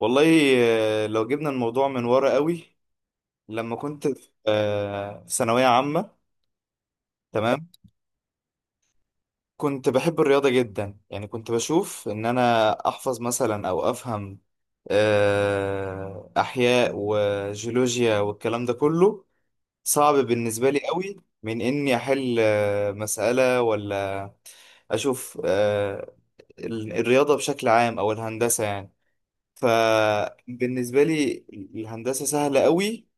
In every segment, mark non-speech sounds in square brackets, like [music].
والله، لو جبنا الموضوع من ورا قوي. لما كنت في في ثانوية عامة، تمام، كنت بحب الرياضة جدا. يعني كنت بشوف ان انا احفظ مثلا او افهم احياء وجيولوجيا والكلام ده كله صعب بالنسبة لي قوي، من اني احل مسألة، ولا اشوف الرياضة بشكل عام او الهندسة يعني. فبالنسبة لي الهندسة سهلة قوي.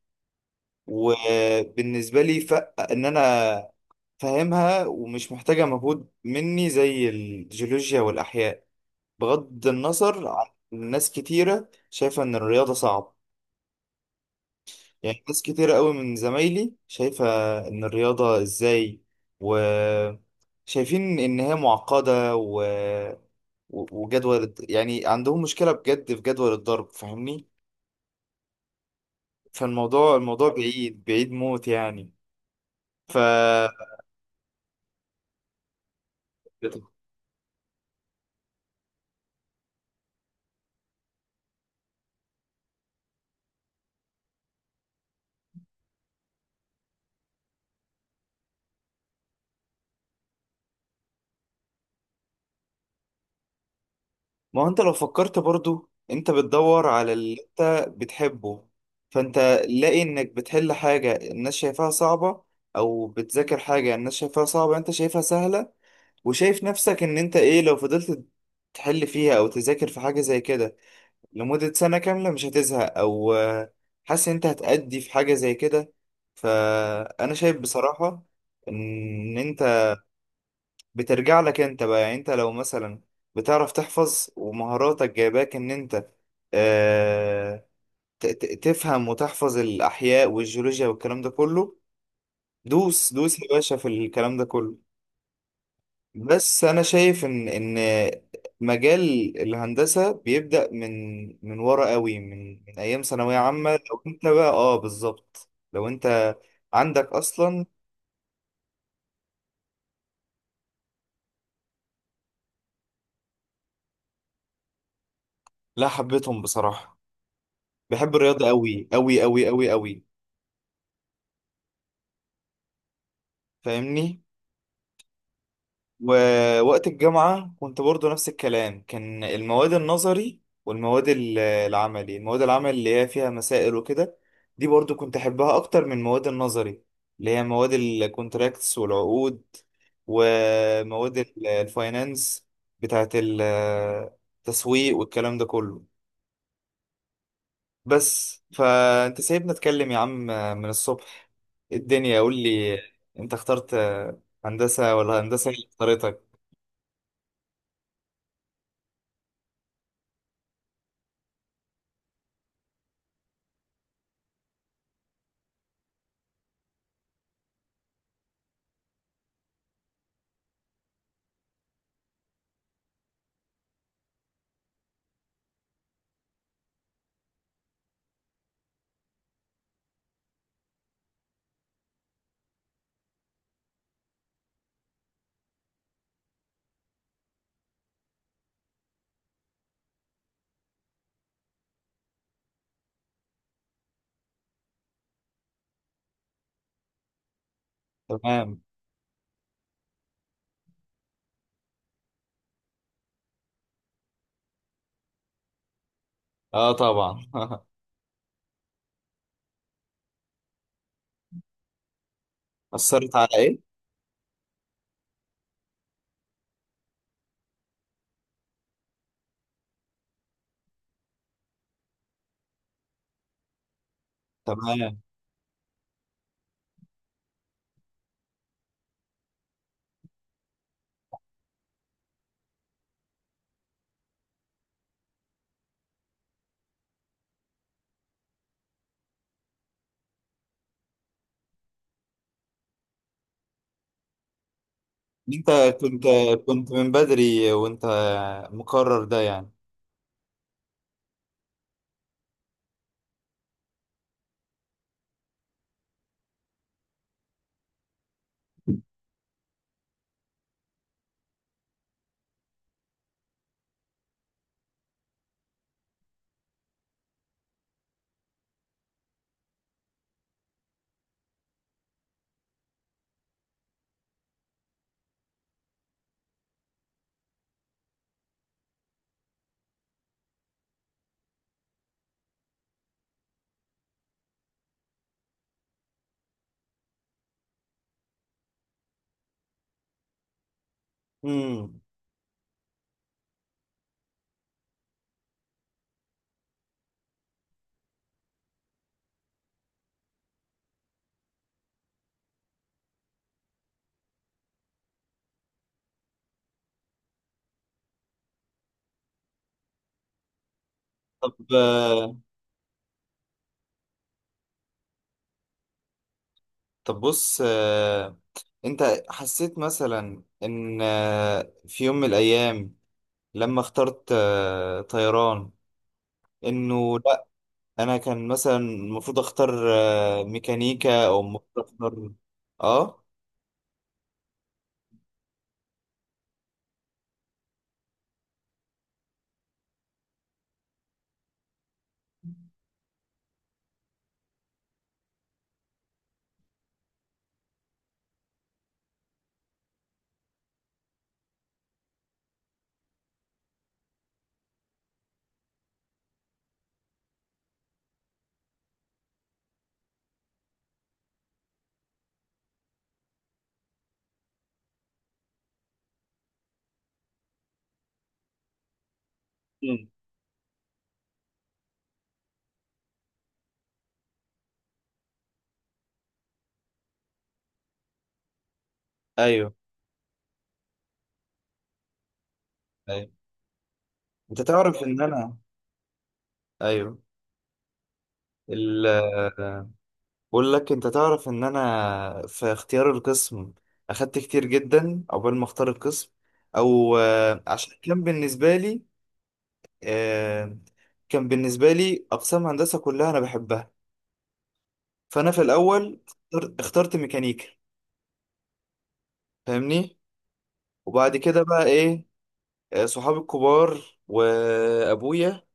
وبالنسبة لي ف إن أنا فاهمها ومش محتاجة مجهود مني زي الجيولوجيا والأحياء، بغض النظر عن ناس كتيرة شايفة إن الرياضة صعب. يعني ناس كتيرة قوي من زمايلي شايفة إن الرياضة إزاي، وشايفين إن هي معقدة و... وجدول، يعني عندهم مشكلة بجد في جدول الضرب، فاهمني. فالموضوع بعيد بعيد موت يعني. ف ما هو انت لو فكرت برضو انت بتدور على اللي انت بتحبه. فانت لاقي انك بتحل حاجة الناس شايفاها صعبة، او بتذاكر حاجة الناس شايفاها صعبة انت شايفها سهلة، وشايف نفسك ان انت ايه لو فضلت تحل فيها او تذاكر في حاجة زي كده لمدة سنة كاملة، مش هتزهق، او حاسس ان انت هتأدي في حاجة زي كده. فانا شايف بصراحة ان انت بترجع لك انت بقى. يعني انت لو مثلا بتعرف تحفظ ومهاراتك جايباك ان انت آه تفهم وتحفظ الاحياء والجيولوجيا والكلام ده كله، دوس دوس يا باشا في الكلام ده كله. بس انا شايف ان مجال الهندسة بيبدأ من ورا قوي، من ايام ثانوية عامة لو انت بقى اه بالظبط، لو انت عندك اصلا. لا حبيتهم بصراحة، بحب الرياضة قوي قوي قوي قوي قوي، فاهمني. ووقت الجامعة كنت برضو نفس الكلام، كان المواد النظري، والمواد العملي، المواد العمل اللي هي فيها مسائل وكده، دي برضو كنت أحبها أكتر من المواد النظري اللي هي مواد الكونتراكتس والعقود، ومواد الفاينانس بتاعت التسويق والكلام ده كله. بس فأنت سايبني أتكلم يا عم من الصبح، الدنيا، قول لي، أنت اخترت هندسة ولا هندسة اللي اختارتك؟ تمام. اه طبعا. [laughs] اثرت على ايه؟ تمام. انت كنت، كنت من بدري وانت مقرر ده يعني؟ امم. طب طب بص انت حسيت مثلا ان في يوم من الايام، لما اخترت طيران، انه لا انا كان مثلا المفروض اختار ميكانيكا، او المفروض اختار؟ اه. مم. ايوه. ايوه انت تعرف ان انا. ايوه ال بقول لك، انت تعرف ان انا في اختيار القسم اخدت كتير جدا عقبال ما اختار القسم. او عشان كان بالنسبه لي آه، كان بالنسبه لي اقسام هندسه كلها انا بحبها. فانا في الاول اخترت ميكانيكا، فاهمني. وبعد كده بقى ايه، صحابي الكبار وابويا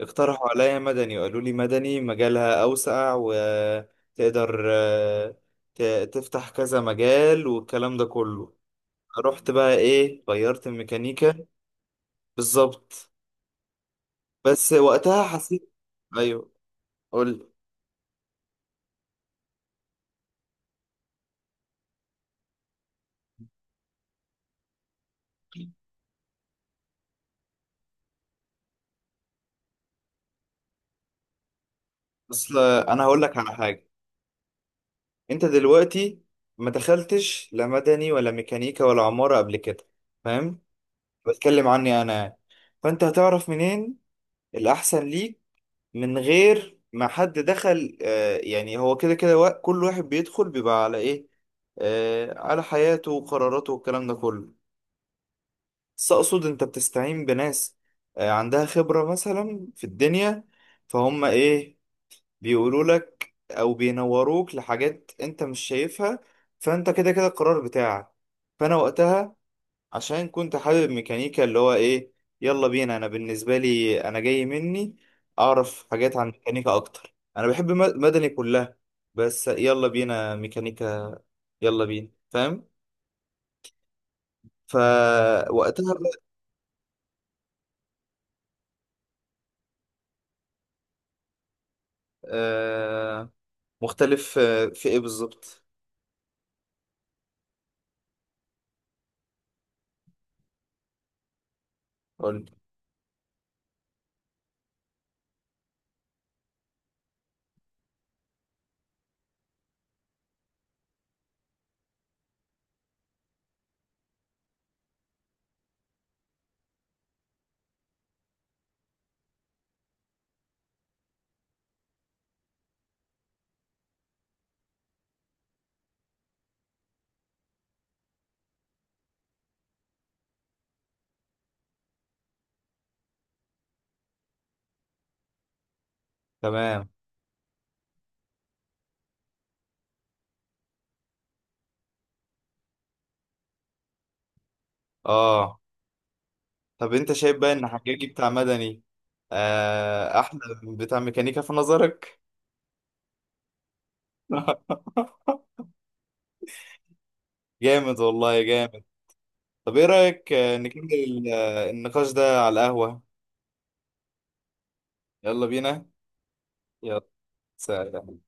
اقترحوا عليا مدني، وقالوا لي مدني مجالها اوسع وتقدر تفتح كذا مجال والكلام ده كله. رحت بقى ايه، غيرت الميكانيكا. بالظبط. بس وقتها حسيت، ايوه، قول. اصل انا هقول لك على حاجه. انت دلوقتي ما دخلتش لا مدني ولا ميكانيكا ولا عماره قبل كده، فاهم؟ بتكلم عني انا يعني. فانت هتعرف منين الاحسن ليك من غير ما حد دخل؟ آه يعني هو كده كده، كل واحد بيدخل بيبقى على ايه، آه على حياته وقراراته والكلام ده كله. بس اقصد انت بتستعين بناس عندها خبرة مثلا في الدنيا، فهم ايه، بيقولوا لك او بينوروك لحاجات انت مش شايفها. فانت كده كده القرار بتاعك. فانا وقتها عشان كنت حابب ميكانيكا، اللي هو ايه، يلا بينا. انا بالنسبة لي انا جاي مني اعرف حاجات عن ميكانيكا اكتر، انا بحب مدني كلها، بس يلا بينا ميكانيكا، يلا بينا، فاهم. فوقتها بقى آه، مختلف في ايه بالظبط؟ قول لي. تمام. اه طب انت شايف بقى ان حجاجي بتاع مدني احلى من بتاع ميكانيكا في نظرك؟ [laughs] جامد والله جامد. طب ايه رأيك نكمل النقاش ده على القهوة؟ يلا بينا. يلا سلام.